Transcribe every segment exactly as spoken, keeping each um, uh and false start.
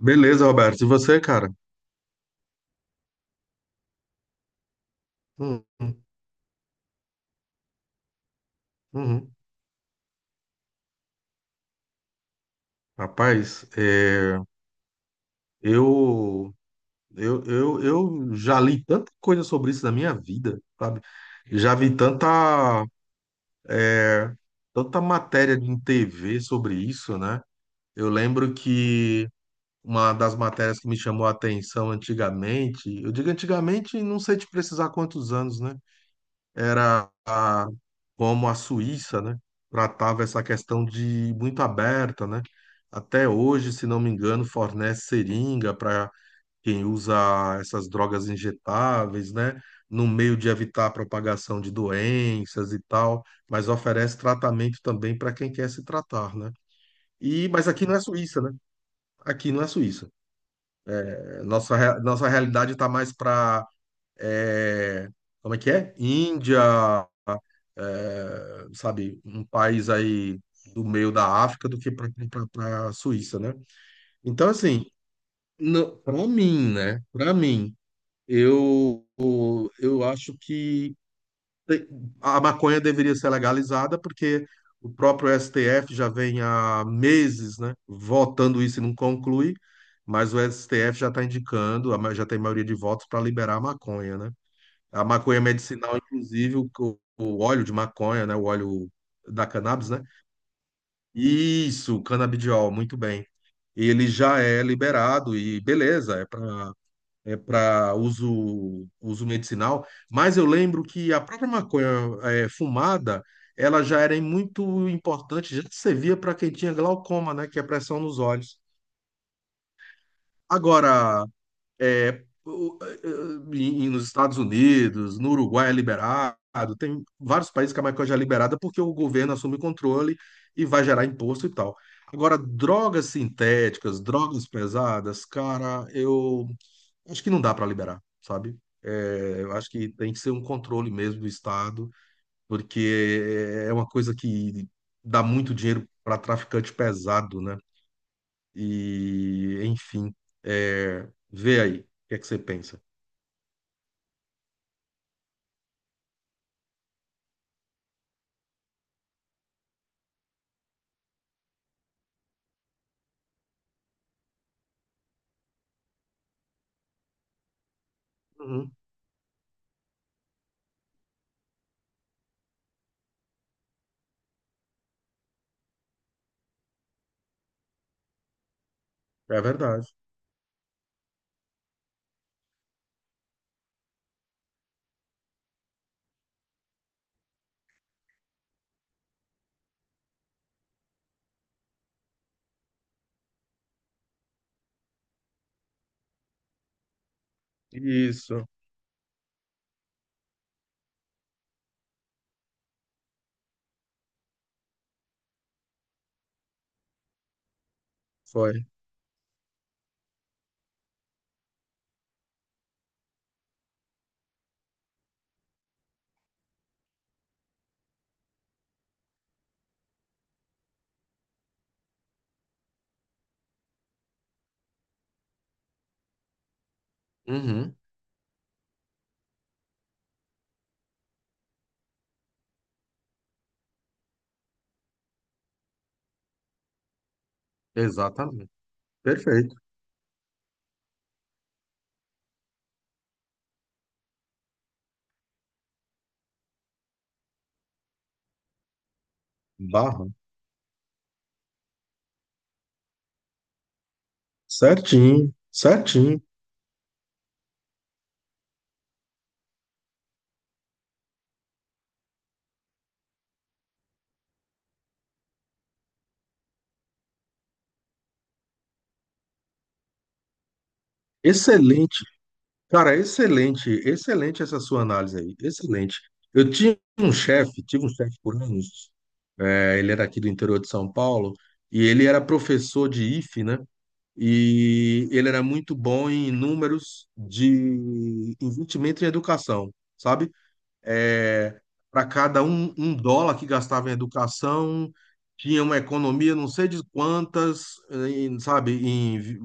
Beleza, Roberto. E você, cara? Hum, hum, uhum. Rapaz, é, eu, eu, eu, eu já li tanta coisa sobre isso na minha vida, sabe? Já vi tanta, é, tanta matéria em T V sobre isso, né? Eu lembro que uma das matérias que me chamou a atenção antigamente, eu digo antigamente, não sei te precisar quantos anos, né? era a- Como a Suíça, né, tratava essa questão de muito aberta, né? Até hoje, se não me engano, fornece seringa para quem usa essas drogas injetáveis, né? No meio de evitar a propagação de doenças e tal, mas oferece tratamento também para quem quer se tratar, né? E, mas aqui não é Suíça, né? Aqui não é Suíça. É, nossa, rea- nossa realidade está mais para é, como é que é? Índia, é, sabe, um país aí do meio da África do que para a Suíça, né? Então, assim, para mim, né? Para mim, eu, eu acho que te- a maconha deveria ser legalizada porque o próprio S T F já vem há meses, né, votando isso e não conclui, mas o S T F já está indicando, a ma- já tem maioria de votos para liberar a maconha, né? A maconha medicinal, inclusive, o, o óleo de maconha, né? O óleo da cannabis, né? Isso, canabidiol, muito bem. Ele já é liberado e beleza, é para é para uso, uso medicinal, mas eu lembro que a própria maconha é, fumada, ela já era muito importante, já servia para quem tinha glaucoma, né? Que é a pressão nos olhos. Agora, É, o- eh, e- e nos Estados Unidos, no Uruguai é liberado, tem vários países que a maconha já é liberada porque o governo assume o controle e vai gerar imposto e tal. Agora, drogas sintéticas, drogas pesadas, cara, eu acho que não dá para liberar, sabe? Eh, eu acho que tem que ser um controle mesmo do Estado, porque é uma coisa que dá muito dinheiro para traficante pesado, né? E, enfim, eh, vê aí, o que é que você pensa? Uhum. É verdade. Isso, foi. Uhum. Exatamente. Perfeito. Barra. Certinho, certinho. Excelente. Cara, excelente, excelente essa sua análise aí. Excelente. Eu tinha um chefe, tive um chefe por anos. É, ele era aqui do interior de São Paulo e ele era professor de I F E, né? E ele era muito bom em números de investimento em educação, sabe? É, para cada um, um dólar que gastava em educação, tinha uma economia não sei de quantas, em, sabe, em vi-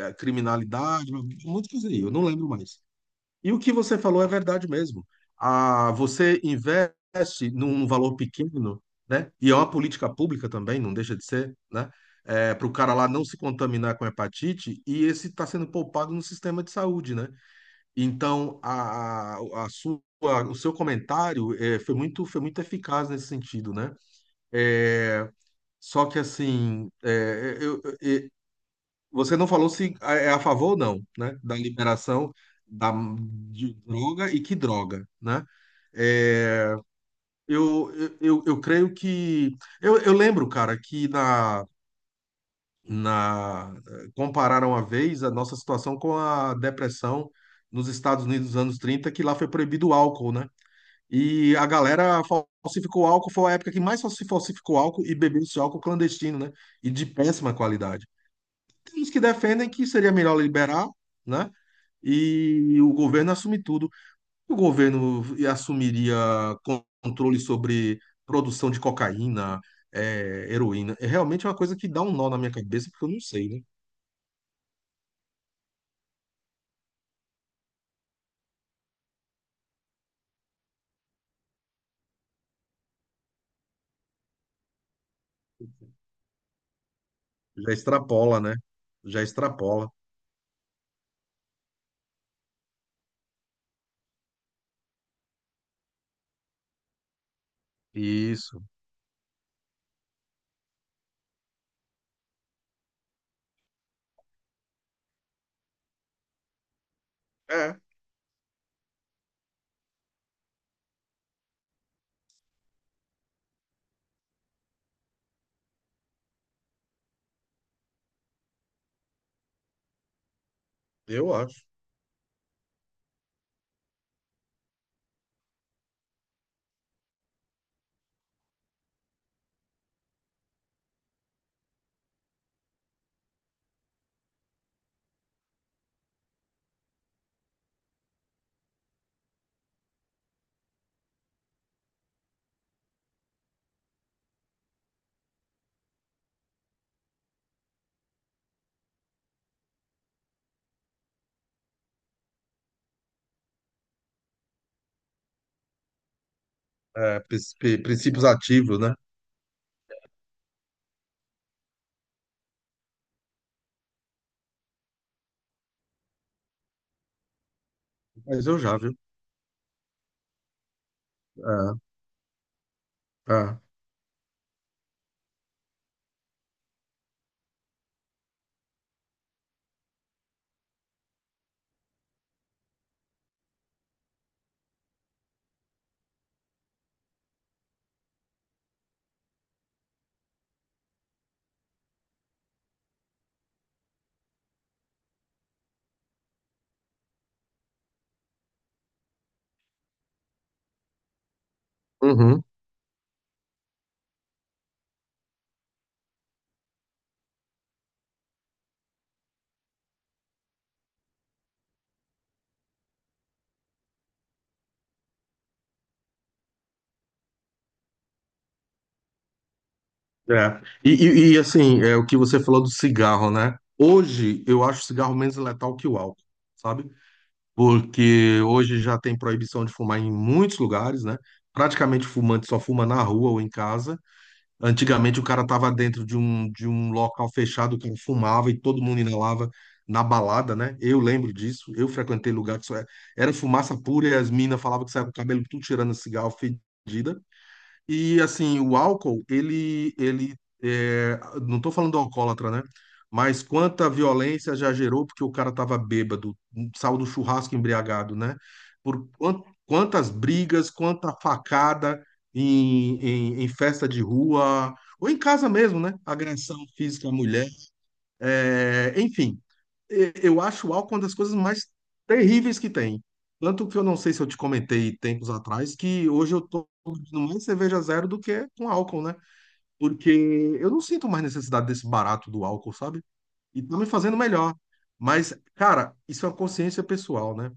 eh, criminalidade, muito coisa aí, eu não lembro mais. E o que você falou é verdade mesmo. Ah, você investe num valor pequeno, né? E é uma política pública também, não deixa de ser, né? Para o cara lá não se contaminar com hepatite, e esse está sendo poupado no sistema de saúde, né? Então, a, a- a sua, o seu comentário eh, foi muito, foi muito eficaz nesse sentido, né? Eh, só que, assim, eh, eu- eu- eh, você não falou se é a favor ou não, né? Da liberação da, de droga e que droga, né? Eh, eu, eu, eu eu creio que. Eu, eu lembro, cara, que na, na, compararam uma vez a nossa situação com a depressão nos Estados Unidos dos anos trinta, que lá foi proibido o álcool, né? E a galera falsificou álcool, foi a época que mais se falsificou álcool e bebeu esse álcool clandestino, né? E de péssima qualidade. Tem uns que defendem que seria melhor liberar, né? E o governo assume tudo. O governo assumiria controle sobre produção de cocaína, é, heroína. É realmente uma coisa que dá um nó na minha cabeça, porque eu não sei, né? Já extrapola, né? Já extrapola. Isso. É, eu acho. É, prin- princípios ativos, né? Mas eu já, viu? É, é. Uhum, é. E, e- e, assim, é o que você falou do cigarro, né? Hoje eu acho o cigarro menos letal que o álcool, sabe? Porque hoje já tem proibição de fumar em muitos lugares, né? Praticamente o fumante só fuma na rua ou em casa. Antigamente o cara tava dentro de um, de um local fechado que fumava e todo mundo inalava na balada, né? Eu lembro disso. Eu frequentei lugar que só era, era fumaça pura e as minas falavam que saia com o cabelo tudo tirando cigarro fedida. E assim, o álcool, ele, ele é, não estou falando do alcoólatra, né? Mas quanta violência já gerou porque o cara estava bêbado, saiu do churrasco embriagado, né? Por quan- quantas brigas, quanta facada em, em, em festa de rua, ou em casa mesmo, né? Agressão física à mulher. É, enfim, e- eu acho o álcool uma das coisas mais terríveis que tem. Tanto que eu não sei se eu te comentei tempos atrás que hoje eu tô bebendo mais cerveja zero do que com álcool, né? Porque eu não sinto mais necessidade desse barato do álcool, sabe? E tá me fazendo melhor. Mas, cara, isso é uma consciência pessoal, né?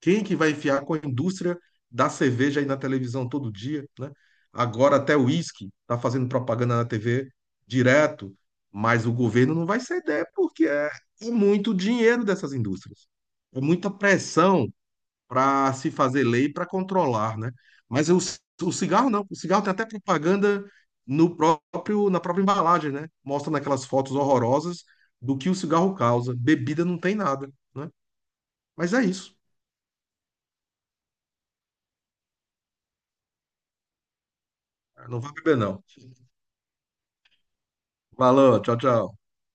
Quem que vai enfiar com a indústria da cerveja aí na televisão todo dia, né? Agora até o uísque está fazendo propaganda na T V direto, mas o governo não vai ceder porque é, é muito dinheiro dessas indústrias. É muita pressão para se fazer lei para controlar, né? Mas o, o cigarro não. O cigarro tem até propaganda no próprio, na própria embalagem, né? Mostra naquelas fotos horrorosas do que o cigarro causa. Bebida não tem nada, né? Mas é isso. Não vai beber, não. Valeu, tchau, tchau.